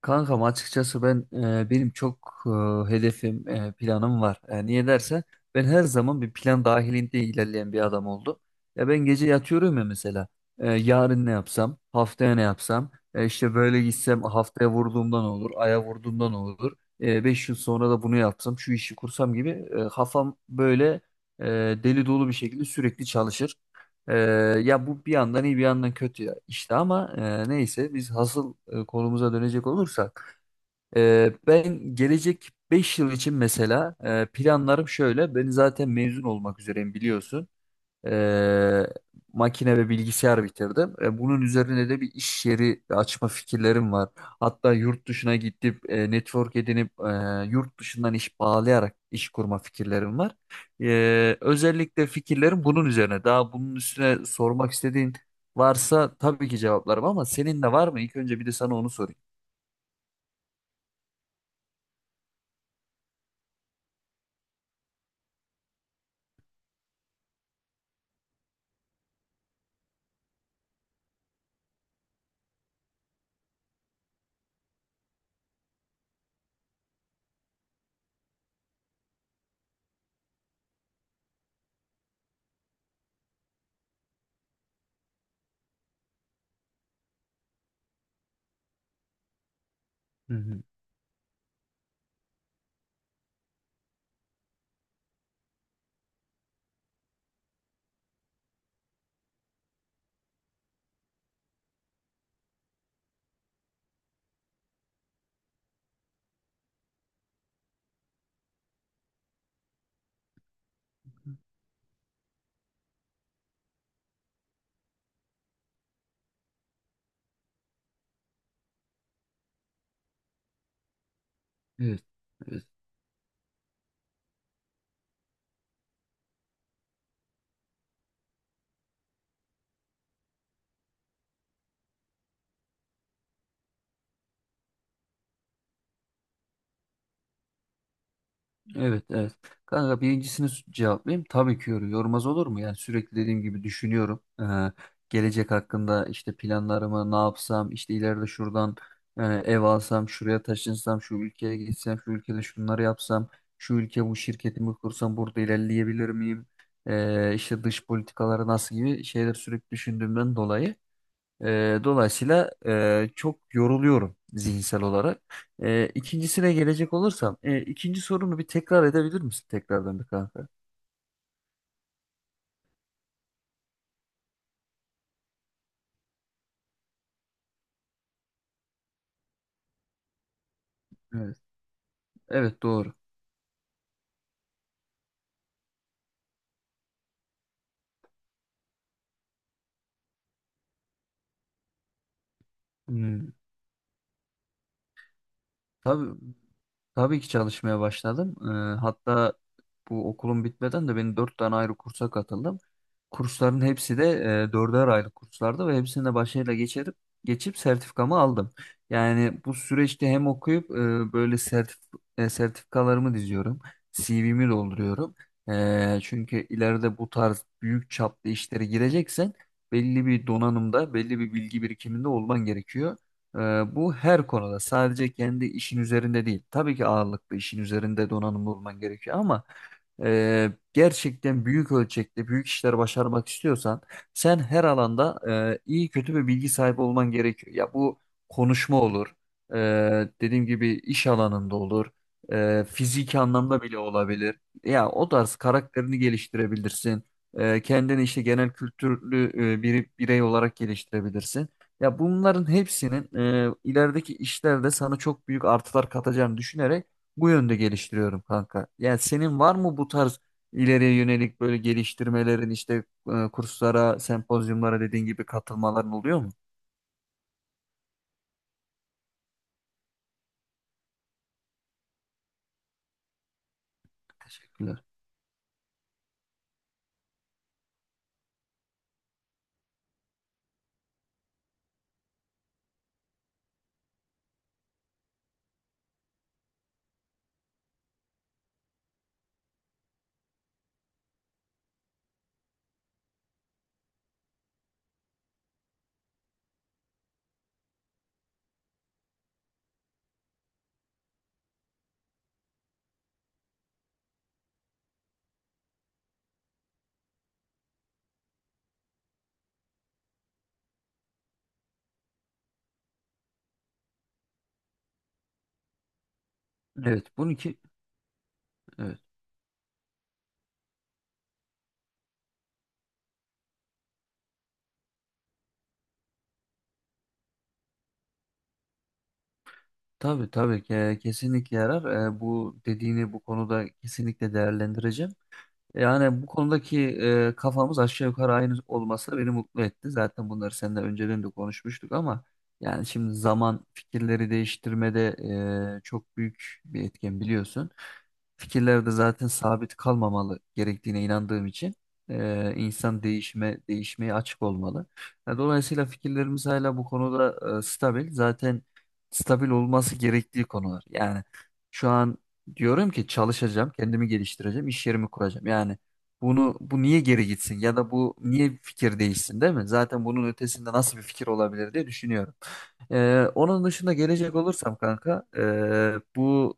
Kankam açıkçası benim çok hedefim, planım var. Niye dersen ben her zaman bir plan dahilinde ilerleyen bir adam oldum. Ya ben gece yatıyorum ya mesela. Yarın ne yapsam, haftaya ne yapsam, işte böyle gitsem haftaya vurduğumdan olur, aya vurduğumdan olur. 5 yıl sonra da bunu yapsam, şu işi kursam gibi kafam böyle e, deli dolu bir şekilde sürekli çalışır. Ee, Ya bu bir yandan iyi bir yandan kötü ya işte ama neyse biz hasıl konumuza dönecek olursak ben gelecek 5 yıl için mesela planlarım şöyle, ben zaten mezun olmak üzereyim biliyorsun. E, Makine ve bilgisayar bitirdim. Bunun üzerine de bir iş yeri açma fikirlerim var. Hatta yurt dışına gidip network edinip yurt dışından iş bağlayarak iş kurma fikirlerim var. Özellikle fikirlerim bunun üzerine. Daha bunun üstüne sormak istediğin varsa tabii ki cevaplarım ama senin de var mı? İlk önce bir de sana onu sorayım. Hı hı. Evet. Evet, evet. Kanka birincisini cevaplayayım. Tabii ki yormaz olur mu? Yani sürekli dediğim gibi düşünüyorum. Gelecek hakkında işte planlarımı ne yapsam, işte ileride şuradan ev alsam, şuraya taşınsam, şu ülkeye gitsem, şu ülkede şunları yapsam, şu ülke bu şirketimi kursam burada ilerleyebilir miyim? İşte dış politikaları nasıl gibi şeyler sürekli düşündüğümden dolayı dolayısıyla çok yoruluyorum zihinsel olarak. İkincisine gelecek olursam, ikinci sorunu bir tekrar edebilir misin tekrardan bir kanka? Evet. Evet, doğru. Hmm. Tabii, tabii ki çalışmaya başladım. Hatta bu okulum bitmeden de ben 4 tane ayrı kursa katıldım. Kursların hepsi de dörder aylık kurslardı ve hepsini de başarıyla geçip sertifikamı aldım. Yani bu süreçte hem okuyup böyle sertifikalarımı diziyorum, CV'mi dolduruyorum. Çünkü ileride bu tarz büyük çaplı işlere gireceksen belli bir donanımda, belli bir bilgi birikiminde olman gerekiyor. Ee, Bu her konuda, sadece kendi işin üzerinde değil. Tabii ki ağırlıklı işin üzerinde donanımlı olman gerekiyor ama gerçekten büyük ölçekte büyük işler başarmak istiyorsan sen her alanda iyi kötü bir bilgi sahibi olman gerekiyor. Ya bu konuşma olur, e, dediğim gibi iş alanında olur, fiziki anlamda bile olabilir. Ya o tarz karakterini geliştirebilirsin. Kendini işte genel kültürlü bir birey olarak geliştirebilirsin. Ya bunların hepsinin ilerideki işlerde sana çok büyük artılar katacağını düşünerek bu yönde geliştiriyorum kanka. Yani senin var mı bu tarz ileriye yönelik böyle geliştirmelerin, işte kurslara, sempozyumlara dediğin gibi katılmaların oluyor mu? Teşekkürler. Evet, bunun ki evet tabii, tabii ki kesinlikle yarar. Bu dediğini bu konuda kesinlikle değerlendireceğim. Yani bu konudaki kafamız aşağı yukarı aynı olması beni mutlu etti. Zaten bunları seninle önceden de konuşmuştuk ama yani şimdi zaman fikirleri değiştirmede çok büyük bir etken biliyorsun. Fikirler de zaten sabit kalmamalı gerektiğine inandığım için insan değişmeye açık olmalı. Yani dolayısıyla fikirlerimiz hala bu konuda stabil. Zaten stabil olması gerektiği konular. Yani şu an diyorum ki çalışacağım, kendimi geliştireceğim, iş yerimi kuracağım. Yani bunu, bu niye geri gitsin ya da bu niye fikir değişsin, değil mi? Zaten bunun ötesinde nasıl bir fikir olabilir diye düşünüyorum. Onun dışında gelecek olursam kanka, bu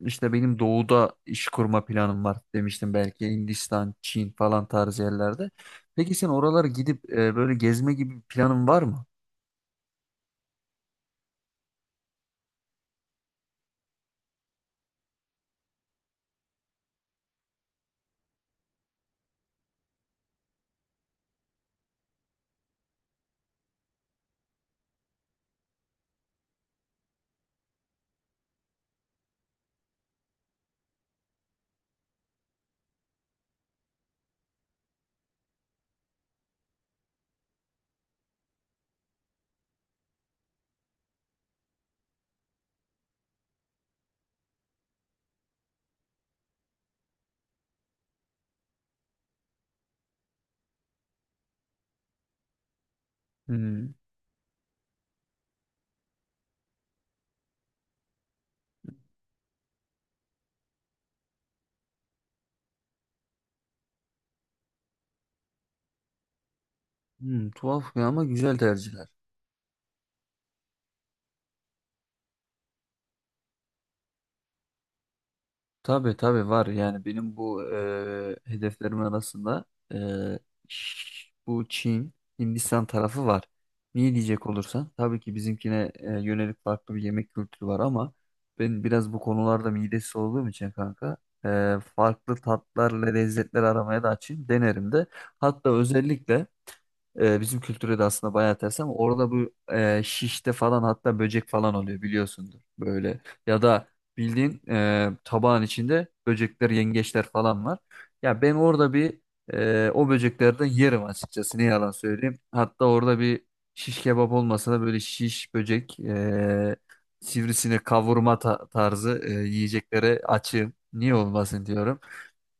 işte benim doğuda iş kurma planım var demiştim, belki Hindistan, Çin falan tarzı yerlerde. Peki sen oralara gidip böyle gezme gibi bir planın var mı? Hmm. Hmm, tuhaf ya ama güzel tercihler. Tabii tabii var, yani benim bu hedeflerim arasında eee, bu Çin, Hindistan tarafı var. Niye diyecek olursan tabii ki bizimkine yönelik farklı bir yemek kültürü var ama ben biraz bu konularda midesi olduğum için kanka farklı tatlarla lezzetler aramaya da açayım, denerim de. Hatta özellikle bizim kültüre de aslında bayağı ters ama orada bu şişte falan, hatta böcek falan oluyor, biliyorsundur böyle. Ya da bildiğin tabağın içinde böcekler, yengeçler falan var. Ya ben orada o böceklerden yerim açıkçası, ne yalan söyleyeyim. Hatta orada bir şiş kebap olmasa da böyle şiş böcek, sivrisine kavurma tarzı yiyeceklere açığım. Niye olmasın diyorum.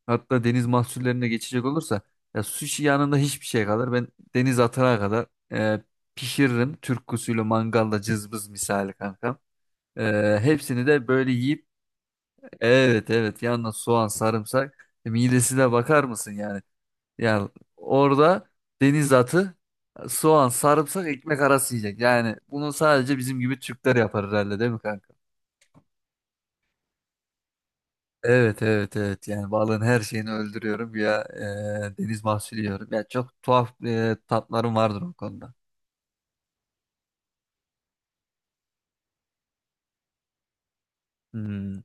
Hatta deniz mahsullerine geçecek olursa ya, sushi yanında hiçbir şey kalır. Ben deniz atana kadar e, pişiririm. Türk usulü mangalda cızbız misali kankam. Hepsini de böyle yiyip, evet evet, yanına soğan sarımsak, midesine bakar mısın yani? Yani orada deniz atı, soğan sarımsak ekmek arası yiyecek. Yani bunu sadece bizim gibi Türkler yapar herhalde, değil mi kanka? Evet evet evet, yani balığın her şeyini öldürüyorum ya, deniz mahsulü yiyorum. Ya çok tuhaf tatlarım vardır o konuda. Hmm.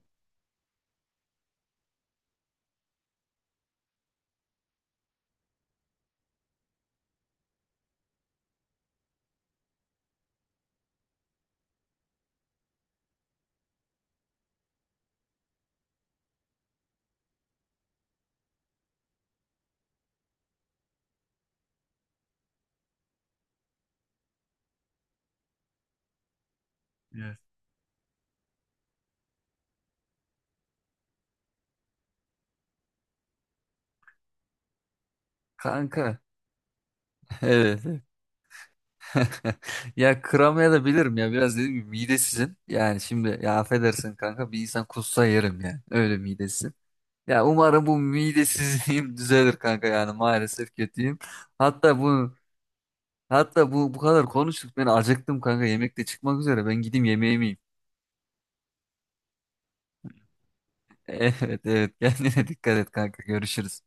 Evet. Kanka evet, evet. Ya kıramaya da bilirim ya, biraz dediğim gibi midesizim. Yani şimdi, ya affedersin kanka, bir insan kussa yerim, yani öyle midesizim. Ya umarım bu midesizliğim düzelir kanka, yani maalesef kötüyüm. Hatta bu hatta bu kadar konuştuk, ben acıktım kanka, yemek de çıkmak üzere, ben gideyim yemeğimi yiyeyim. Evet, evet, kendine dikkat et kanka, görüşürüz.